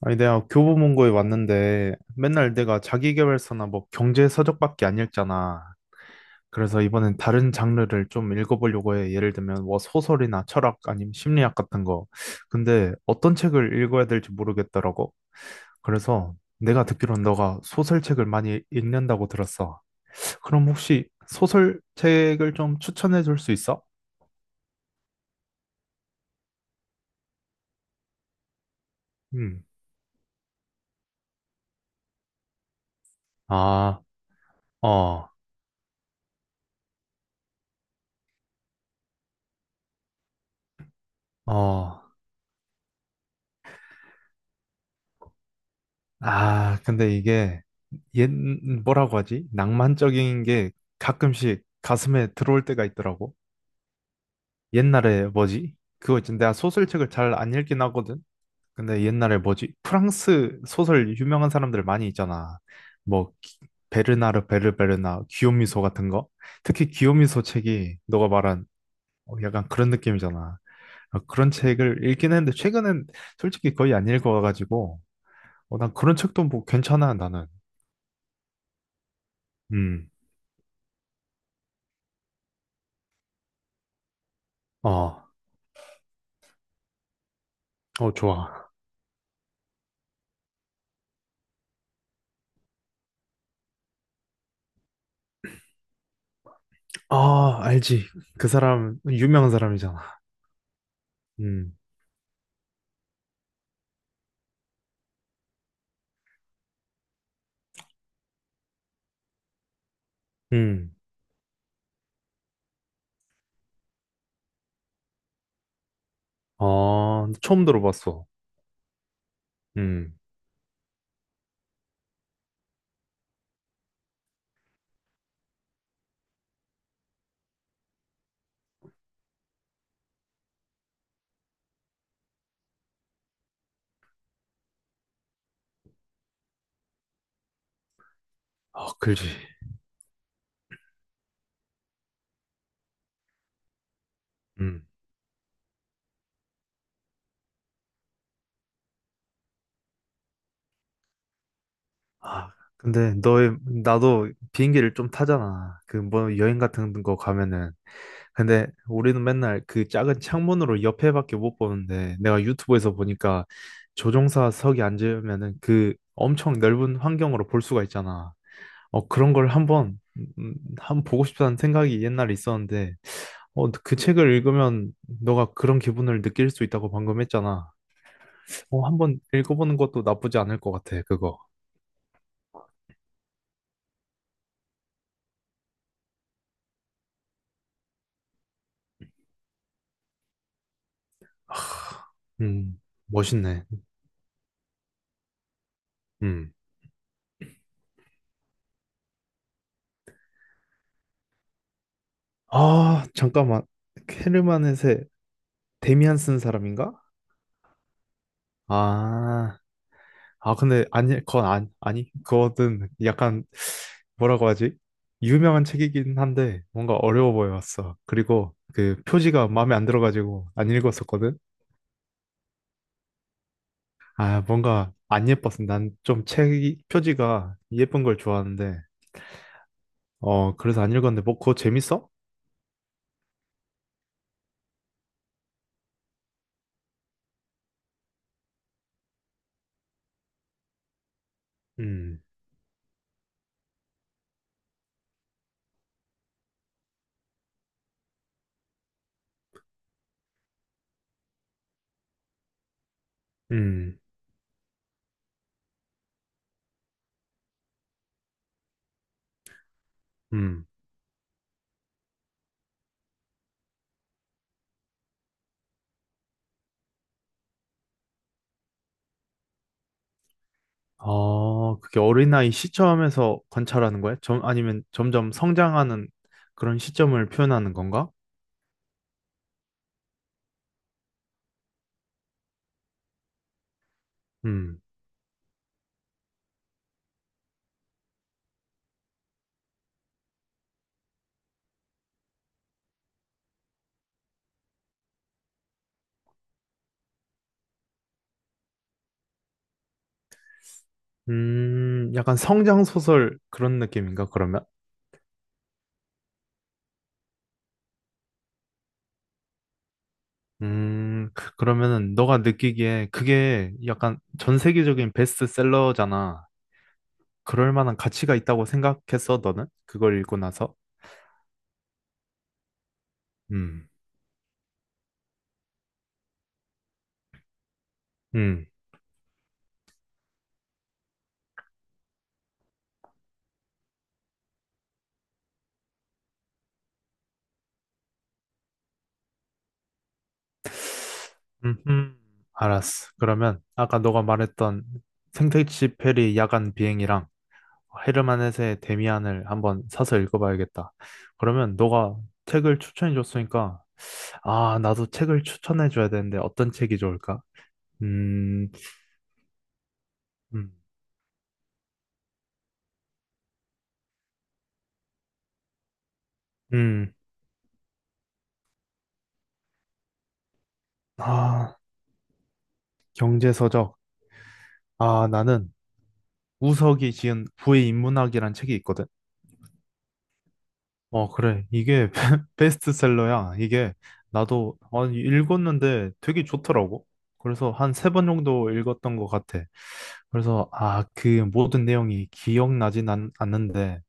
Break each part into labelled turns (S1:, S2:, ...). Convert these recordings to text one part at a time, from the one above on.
S1: 아니, 내가 교보문고에 왔는데 맨날 내가 자기계발서나 뭐 경제 서적밖에 안 읽잖아. 그래서 이번엔 다른 장르를 좀 읽어보려고 해. 예를 들면 뭐 소설이나 철학 아니면 심리학 같은 거. 근데 어떤 책을 읽어야 될지 모르겠더라고. 그래서 내가 듣기로는 너가 소설책을 많이 읽는다고 들었어. 그럼 혹시 소설책을 좀 추천해 줄 수 있어? 음. 아, 어, 어. 아, 근데 이게 옛 뭐라고 하지? 낭만적인 게 가끔씩 가슴에 들어올 때가 있더라고. 옛날에 뭐지? 그거 있지. 내가 소설책을 잘 안 읽긴 하거든. 근데 옛날에 뭐지? 프랑스 소설 유명한 사람들 많이 있잖아. 뭐 베르나르 베르베르나 기요미소 같은 거. 특히 기요미소 책이 너가 말한 어, 약간 그런 느낌이잖아. 어, 그런 책을 읽긴 했는데 최근엔 솔직히 거의 안 읽어가지고 어, 난 그런 책도 뭐 괜찮아 나는. 음. 어, 어, 좋아. 아, 알지. 그 사람, 유명한 사람이잖아. 음, 음. 어, 처음 들어봤어. 음, 아, 그지. 음. 아, 근데 나도 비행기를 좀 타잖아. 그 뭐 여행 같은 거 가면은. 근데 우리는 맨날 그 작은 창문으로 옆에밖에 못 보는데 내가 유튜브에서 보니까 조종사석에 앉으면은 그 엄청 넓은 환경으로 볼 수가 있잖아. 어, 그런 걸 한번 한번 보고 싶다는 생각이 옛날에 있었는데 어, 그 책을 읽으면 너가 그런 기분을 느낄 수 있다고 방금 했잖아. 어, 한번 읽어보는 것도 나쁘지 않을 것 같아, 그거. 음, 멋있네. 음. 아, 잠깐만. 헤르만 헤세 데미안 쓴 사람인가? 아, 아, 근데 아니, 그건 안, 아니, 그거는 약간 뭐라고 하지? 유명한 책이긴 한데 뭔가 어려워 보였어. 그리고 그 표지가 마음에 안 들어가지고 안 읽었었거든. 아, 뭔가 안 예뻤어. 난 좀 책이 표지가 예쁜 걸 좋아하는데 어, 그래서 안 읽었는데 뭐 그거 재밌어? 음, 음, 음. 어, 그게 어린아이 시점에서 관찰하는 거야? 아니면 점점 성장하는 그런 시점을 표현하는 건가? 음. 약간 성장 소설 그런 느낌인가, 그러면? 음, 그러면은 너가 느끼기에 그게 약간 전 세계적인 베스트셀러잖아. 그럴 만한 가치가 있다고 생각했어, 너는? 그걸 읽고 나서? 음, 음, 음, 음. 알았어. 그러면 아까 너가 말했던 생택시 페리 야간 비행이랑 헤르만 헤세의 데미안을 한번 사서 읽어봐야겠다. 그러면 너가 책을 추천해줬으니까, 아, 나도 책을 추천해줘야 되는데 어떤 책이 좋을까? 음, 음, 음. 아, 경제서적. 아, 나는 우석이 지은 부의 인문학이란 책이 있거든. 어, 그래. 이게 베스트셀러야. 이게 나도 아니, 읽었는데 되게 좋더라고. 그래서 한 3번 정도 읽었던 것 같아. 그래서 아, 그 모든 내용이 기억나진 않는데,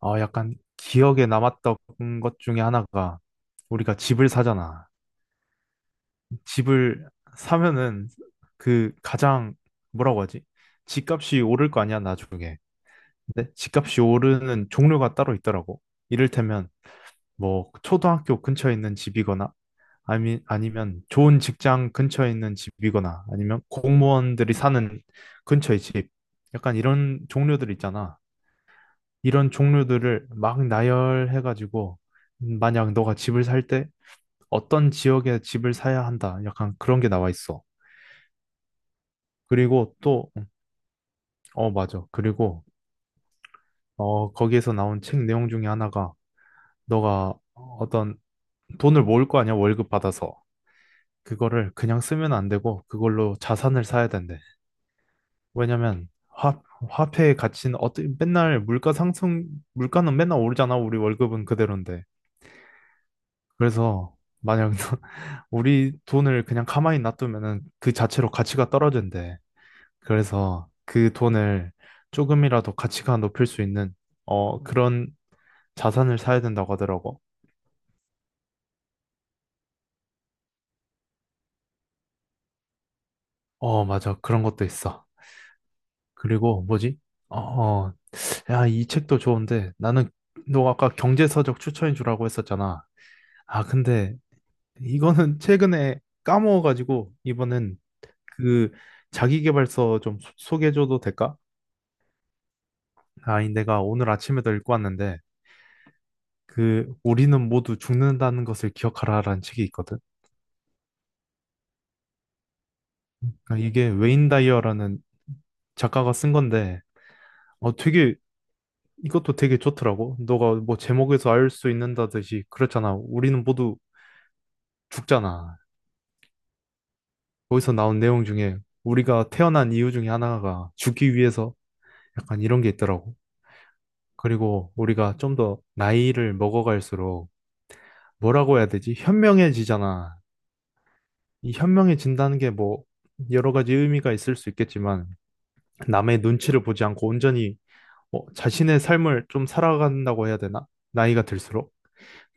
S1: 아, 약간 기억에 남았던 것 중에 하나가 우리가 집을 사잖아. 집을 사면은 그 가장 뭐라고 하지? 집값이 오를 거 아니야, 나중에. 근데 집값이 오르는 종류가 따로 있더라고. 이를테면 뭐 초등학교 근처에 있는 집이거나 아니, 아니면 좋은 직장 근처에 있는 집이거나 아니면 공무원들이 사는 근처의 집. 약간 이런 종류들 있잖아. 이런 종류들을 막 나열해가지고 만약 너가 집을 살 때 어떤 지역에 집을 사야 한다. 약간 그런 게 나와 있어. 그리고 또, 어, 맞아. 그리고, 어, 거기에서 나온 책 내용 중에 하나가, 너가 어떤 돈을 모을 거 아니야, 월급 받아서. 그거를 그냥 쓰면 안 되고, 그걸로 자산을 사야 된대. 왜냐면, 화폐의 가치는 어때, 맨날 물가 상승, 물가는 맨날 오르잖아, 우리 월급은 그대로인데. 그래서, 만약 우리 돈을 그냥 가만히 놔두면은 그 자체로 가치가 떨어진대. 그래서 그 돈을 조금이라도 가치가 높일 수 있는 어 그런 자산을 사야 된다고 하더라고. 어 맞아 그런 것도 있어. 그리고 뭐지? 어, 어, 야, 이 책도 좋은데 나는 너 아까 경제서적 추천해 주라고 했었잖아. 아 근데 이거는 최근에 까먹어가지고 이번엔 그 자기계발서 좀 소개해줘도 될까? 아, 이 내가 오늘 아침에도 읽고 왔는데 그 우리는 모두 죽는다는 것을 기억하라라는 책이 있거든. 아, 이게 웨인 다이어라는 작가가 쓴 건데, 어, 되게, 이것도 되게 좋더라고. 너가 뭐 제목에서 알 수 있는다듯이, 그렇잖아. 우리는 모두 죽잖아. 거기서 나온 내용 중에, 우리가 태어난 이유 중에 하나가 죽기 위해서 약간 이런 게 있더라고. 그리고 우리가 좀 더 나이를 먹어갈수록, 뭐라고 해야 되지? 현명해지잖아. 이 현명해진다는 게 뭐, 여러 가지 의미가 있을 수 있겠지만, 남의 눈치를 보지 않고 온전히 뭐 자신의 삶을 좀 살아간다고 해야 되나? 나이가 들수록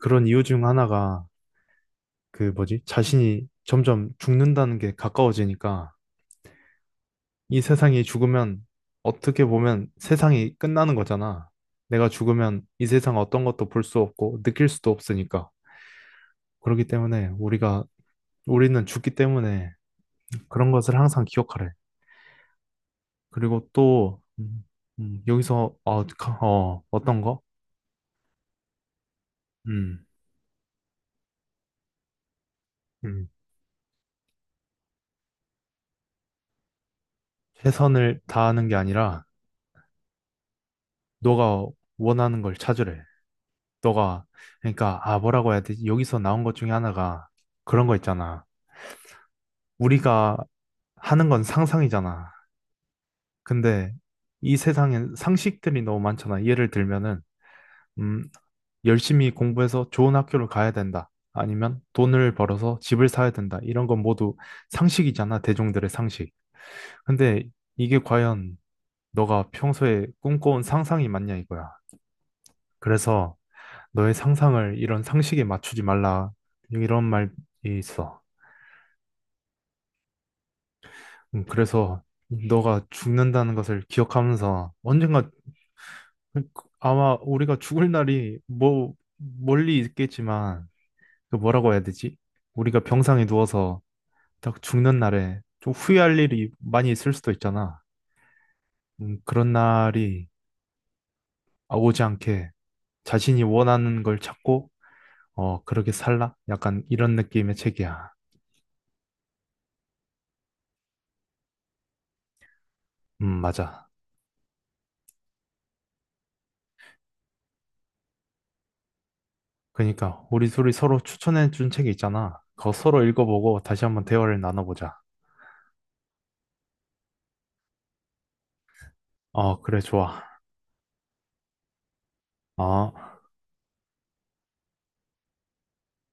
S1: 그런 이유 중 하나가 그 뭐지? 자신이 점점 죽는다는 게 가까워지니까 이 세상이 죽으면 어떻게 보면 세상이 끝나는 거잖아. 내가 죽으면 이 세상 어떤 것도 볼 수 없고 느낄 수도 없으니까. 그렇기 때문에 우리가 우리는 죽기 때문에 그런 것을 항상 기억하래. 그리고 또 여기서 어떤 거? 음, 음, 최선을 다하는 게 아니라 너가 원하는 걸 찾으래. 너가 그러니까 아 뭐라고 해야 되지? 여기서 나온 것 중에 하나가 그런 거 있잖아. 우리가 하는 건 상상이잖아. 근데 이 세상엔 상식들이 너무 많잖아. 예를 들면은 음, 열심히 공부해서 좋은 학교를 가야 된다. 아니면 돈을 벌어서 집을 사야 된다. 이런 건 모두 상식이잖아. 대중들의 상식. 근데 이게 과연 너가 평소에 꿈꿔온 상상이 맞냐 이거야. 그래서 너의 상상을 이런 상식에 맞추지 말라. 이런 말이 있어. 그래서 너가 죽는다는 것을 기억하면서 언젠가 아마 우리가 죽을 날이 뭐 멀리 있겠지만 그 뭐라고 해야 되지? 우리가 병상에 누워서 딱 죽는 날에 좀 후회할 일이 많이 있을 수도 있잖아. 그런 날이 오지 않게 자신이 원하는 걸 찾고 어 그렇게 살라? 약간 이런 느낌의 책이야. 맞아. 그니까 우리 둘이 서로 추천해 준 책이 있잖아. 그거 서로 읽어보고 다시 한번 대화를 나눠보자. 어, 그래, 좋아. 어.